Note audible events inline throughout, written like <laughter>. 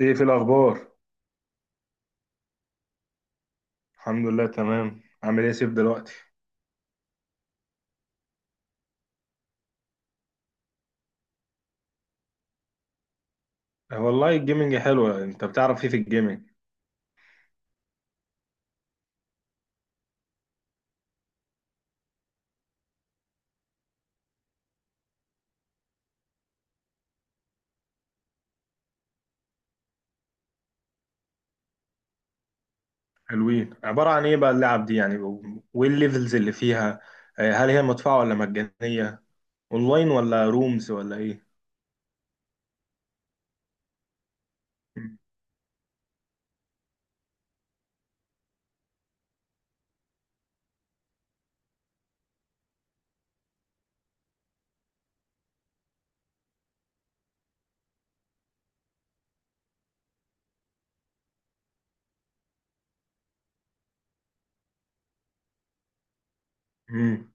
ايه في الاخبار؟ الحمد لله، تمام. عامل ايه يا سيف دلوقتي؟ آه، والله الجيمنج حلوه. انت بتعرف ايه في الجيمنج؟ حلوين. عباره عن ايه بقى اللعب دي يعني؟ وايه الليفلز اللي فيها؟ آه، هل هي مدفوعه ولا مجانيه؟ اونلاين ولا رومز ولا ايه؟ مم. مم.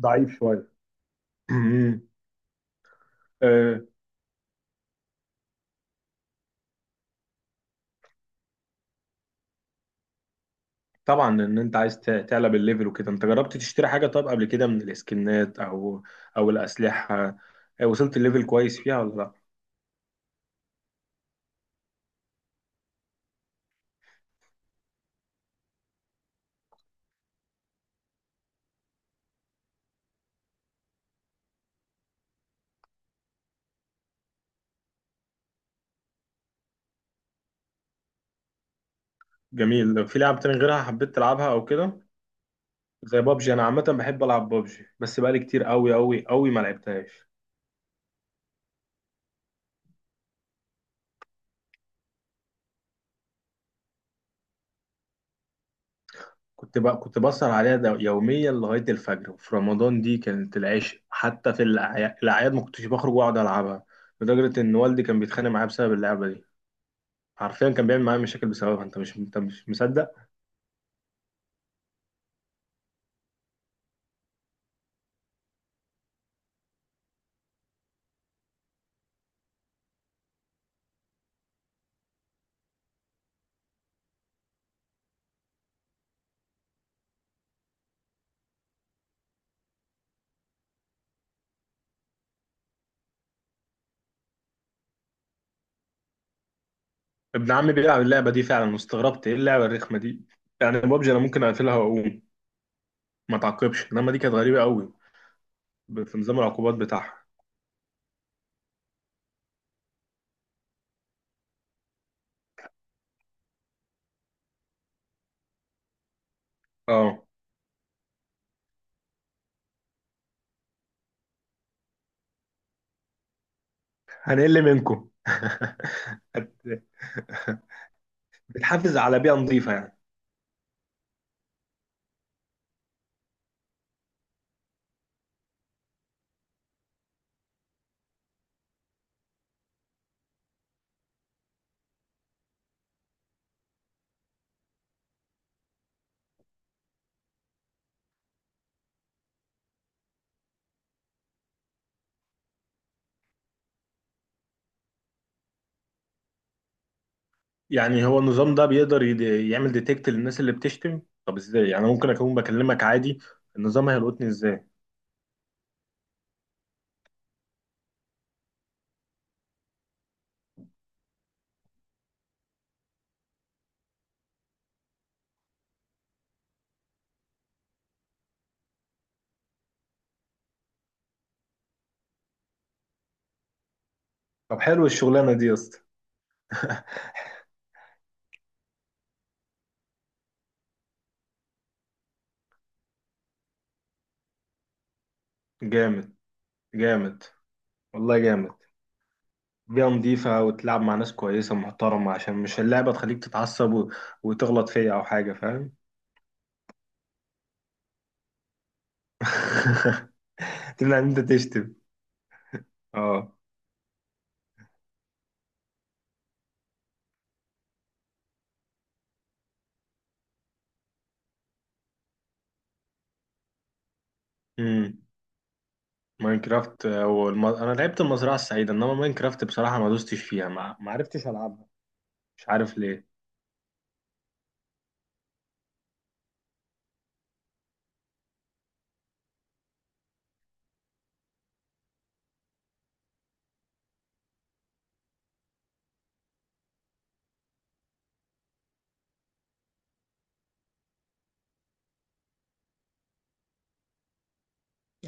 ضعيف شويه. مم. آه، طبعا ان انت عايز تعلى بالليفل وكده. انت جربت تشتري حاجه طيب قبل كده من الاسكنات او او الاسلحه؟ آه، وصلت الليفل كويس فيها ولا لا؟ جميل. في لعب تاني غيرها حبيت تلعبها او كده؟ زي بابجي، انا عامه بحب العب بابجي بس بقالي كتير قوي قوي قوي ما لعبتهاش. كنت بسهر عليها ده يوميا لغايه الفجر، وفي رمضان دي كانت العشق، حتى في الاعياد ما كنتش بخرج واقعد العبها. لدرجه ان والدي كان بيتخانق معايا بسبب اللعبه دي. حرفيا كان بيعمل معايا مشاكل بسببها. انت مش مصدق. ابن عمي بيلعب اللعبه دي فعلا، واستغربت ايه اللعبه الرخمه دي. يعني بابجي انا ممكن اقفلها واقوم، ما تعاقبش، انما دي كانت غريبه قوي. في نظام العقوبات بتاعها. اه، هنقل منكم <laughs> بتحافظ على بيئة نظيفة يعني. يعني هو النظام ده بيقدر يعمل ديتكت للناس اللي بتشتم؟ طب ازاي، يعني ممكن اكون بكلمك عادي، النظام هيلقطني ازاي؟ طب حلو الشغلانة دي يا اسطى. جامد، جامد، والله جامد. بيئة نظيفة وتلعب مع ناس كويسة محترمة عشان مش اللعبة تخليك تتعصب و وتغلط فيا او حاجة، فاهم؟ <laughs> تمنع ان انت تشتم. اه. امم. ماينكرافت هو انا لعبت المزرعة السعيدة، انما ماينكرافت بصراحة ما دوستش فيها، ما عرفتش العبها. مش عارف ليه.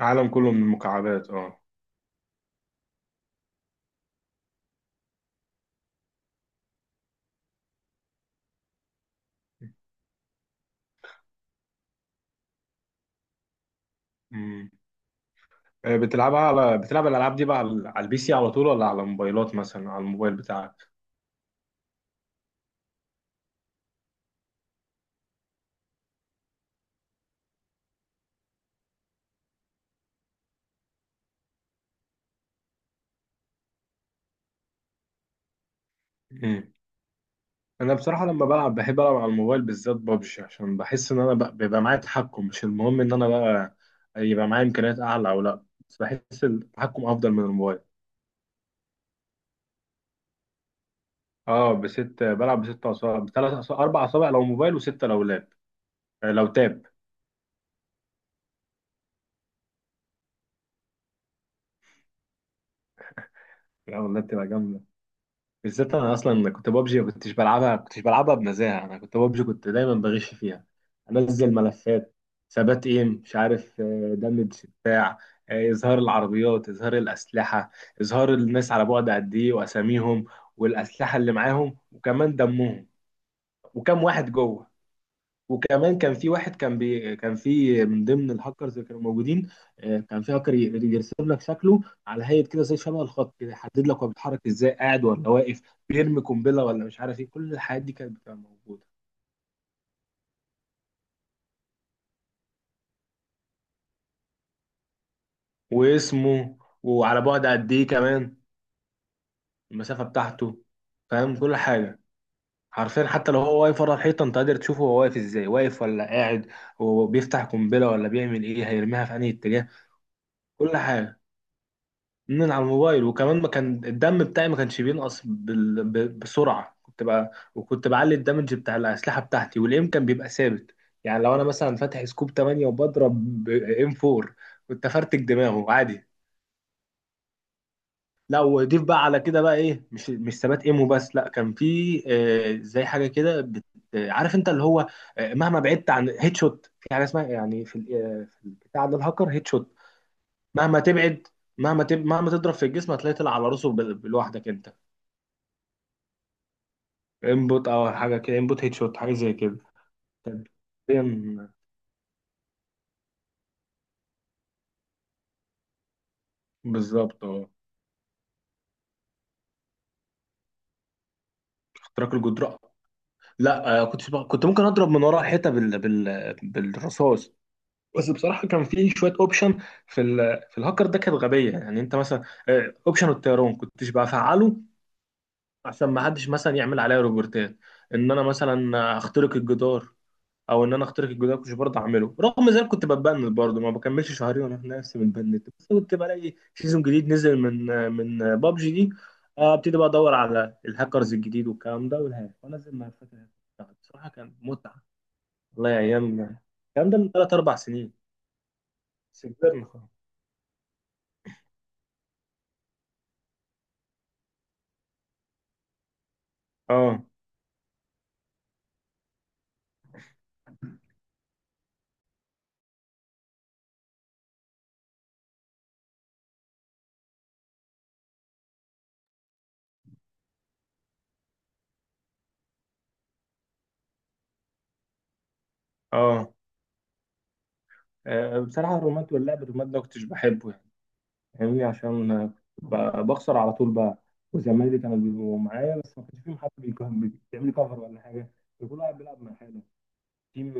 عالم كله من المكعبات، اه. مم. آه، بتلعبها على الالعاب دي بقى على البي سي على طول، ولا على موبايلات، مثلا على الموبايل بتاعك؟ مم. انا بصراحه لما بلعب بحب العب على الموبايل، بالذات ببجي، عشان بحس ان بيبقى معايا تحكم. مش المهم ان انا بقى يبقى معايا امكانيات اعلى او لا، بس بحس التحكم افضل من الموبايل. اه، بلعب ب6 اصابع، ب3 اصابع، 4 اصابع لو موبايل، وسته لو لاب. آه، لو تاب. لو لاب تبقى جامده. بالذات انا اصلا كنت ببجي، ما كنتش بلعبها بنزاهه. انا كنت ببجي كنت دايما بغش فيها. انزل ملفات، ثبات ايم، مش عارف، دمج، بتاع، آه، اظهار العربيات، اظهار الاسلحه، اظهار الناس على بعد قد ايه واساميهم، والاسلحه اللي معاهم، وكمان دمهم، وكم واحد جوه. وكمان كان في واحد، كان بي، كان في من ضمن الهاكرز اللي كانوا موجودين. آه، كان في هاكر يرسم لك شكله، على هيئه كده، زي شبه الخط كده، يحدد لك هو بيتحرك ازاي، قاعد ولا واقف، بيرمي قنبله ولا مش عارف ايه. كل الحاجات دي كانت بتبقى موجوده. واسمه، وعلى بعد قد ايه كمان، المسافه بتاعته. فاهم كل حاجه. حرفيا حتى لو هو واقف ورا الحيطه انت قادر تشوفه، هو واقف ازاي، واقف ولا قاعد، وبيفتح قنبله ولا بيعمل ايه، هيرميها في انهي اتجاه. كل حاجه. من على الموبايل. وكمان ما كان الدم بتاعي ما كانش بينقص بسرعه. كنت بقى وكنت بعلي الدمج بتاع الاسلحه بتاعتي، والايم كان بيبقى ثابت. يعني لو انا مثلا فاتح سكوب 8 وبضرب ب ام 4، كنت افرتك دماغه عادي. لا، وضيف بقى على كده بقى ايه، مش ثبات ايم وبس. لا كان في زي حاجه كده آه، عارف انت اللي هو، آه، مهما بعدت عن هيد شوت في حاجه اسمها، يعني في في بتاع ده الهاكر هيد شوت. مهما تبعد، مهما تضرب في الجسم هتلاقي طلع على راسه لوحدك انت. انبوت او حاجه كده، انبوت هيد شوت، حاجه زي كده. كانت بين- بالظبط، اه. اختراق الجدران. لا، كنت ممكن اضرب من ورا الحيطه بالرصاص. بس بصراحه كان في شويه اوبشن، في الهاكر ده كانت غبيه، يعني انت مثلا اوبشن الطيران كنتش بفعله عشان ما حدش مثلا يعمل عليا روبورتات، ان انا مثلا اخترق الجدار. او ان انا اخترق الجدار كنت برضه اعمله، رغم ذلك كنت بتبند برضه، ما بكملش شهرين وانا في نفسي متبند، بس كنت بلاقي سيزون جديد نزل من بابجي دي. آه، ابتدي بقى ادور على الهاكرز الجديد والكلام ده والهاك، وانا زي ما فاكر الهاك. بصراحه كان متعه. والله يا ايام. الكلام ده من 3 4 سنين. بس كبرنا خلاص. اه، اه، آه، بصراحه الرومات واللعب الرومات ده ما كنتش بحبه يعني. فاهمني؟ عشان بخسر على طول بقى، وزمايلي كانوا بيبقوا معايا بس ما كانش فيهم حد بيعمل لي كفر ولا حاجه. كل واحد بيلعب مع حاله. تيم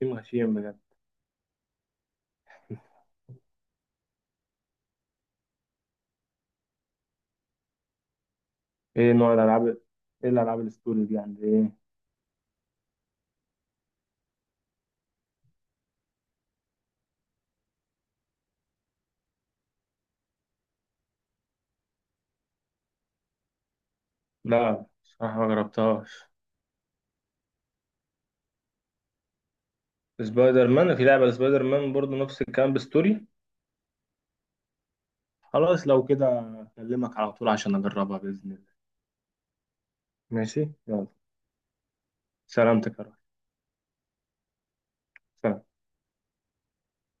تيم غشيم بجد. <laughs> ايه نوع الالعاب؟ ايه الالعاب الستوري دي يعني ايه؟ لا صراحه ما جربتهاش. سبايدر مان، في لعبه سبايدر مان برضه نفس الكلام بستوري. خلاص لو كده اكلمك على طول عشان اجربها باذن الله. ماشي، يلا. سلامتك يا رب. سلام.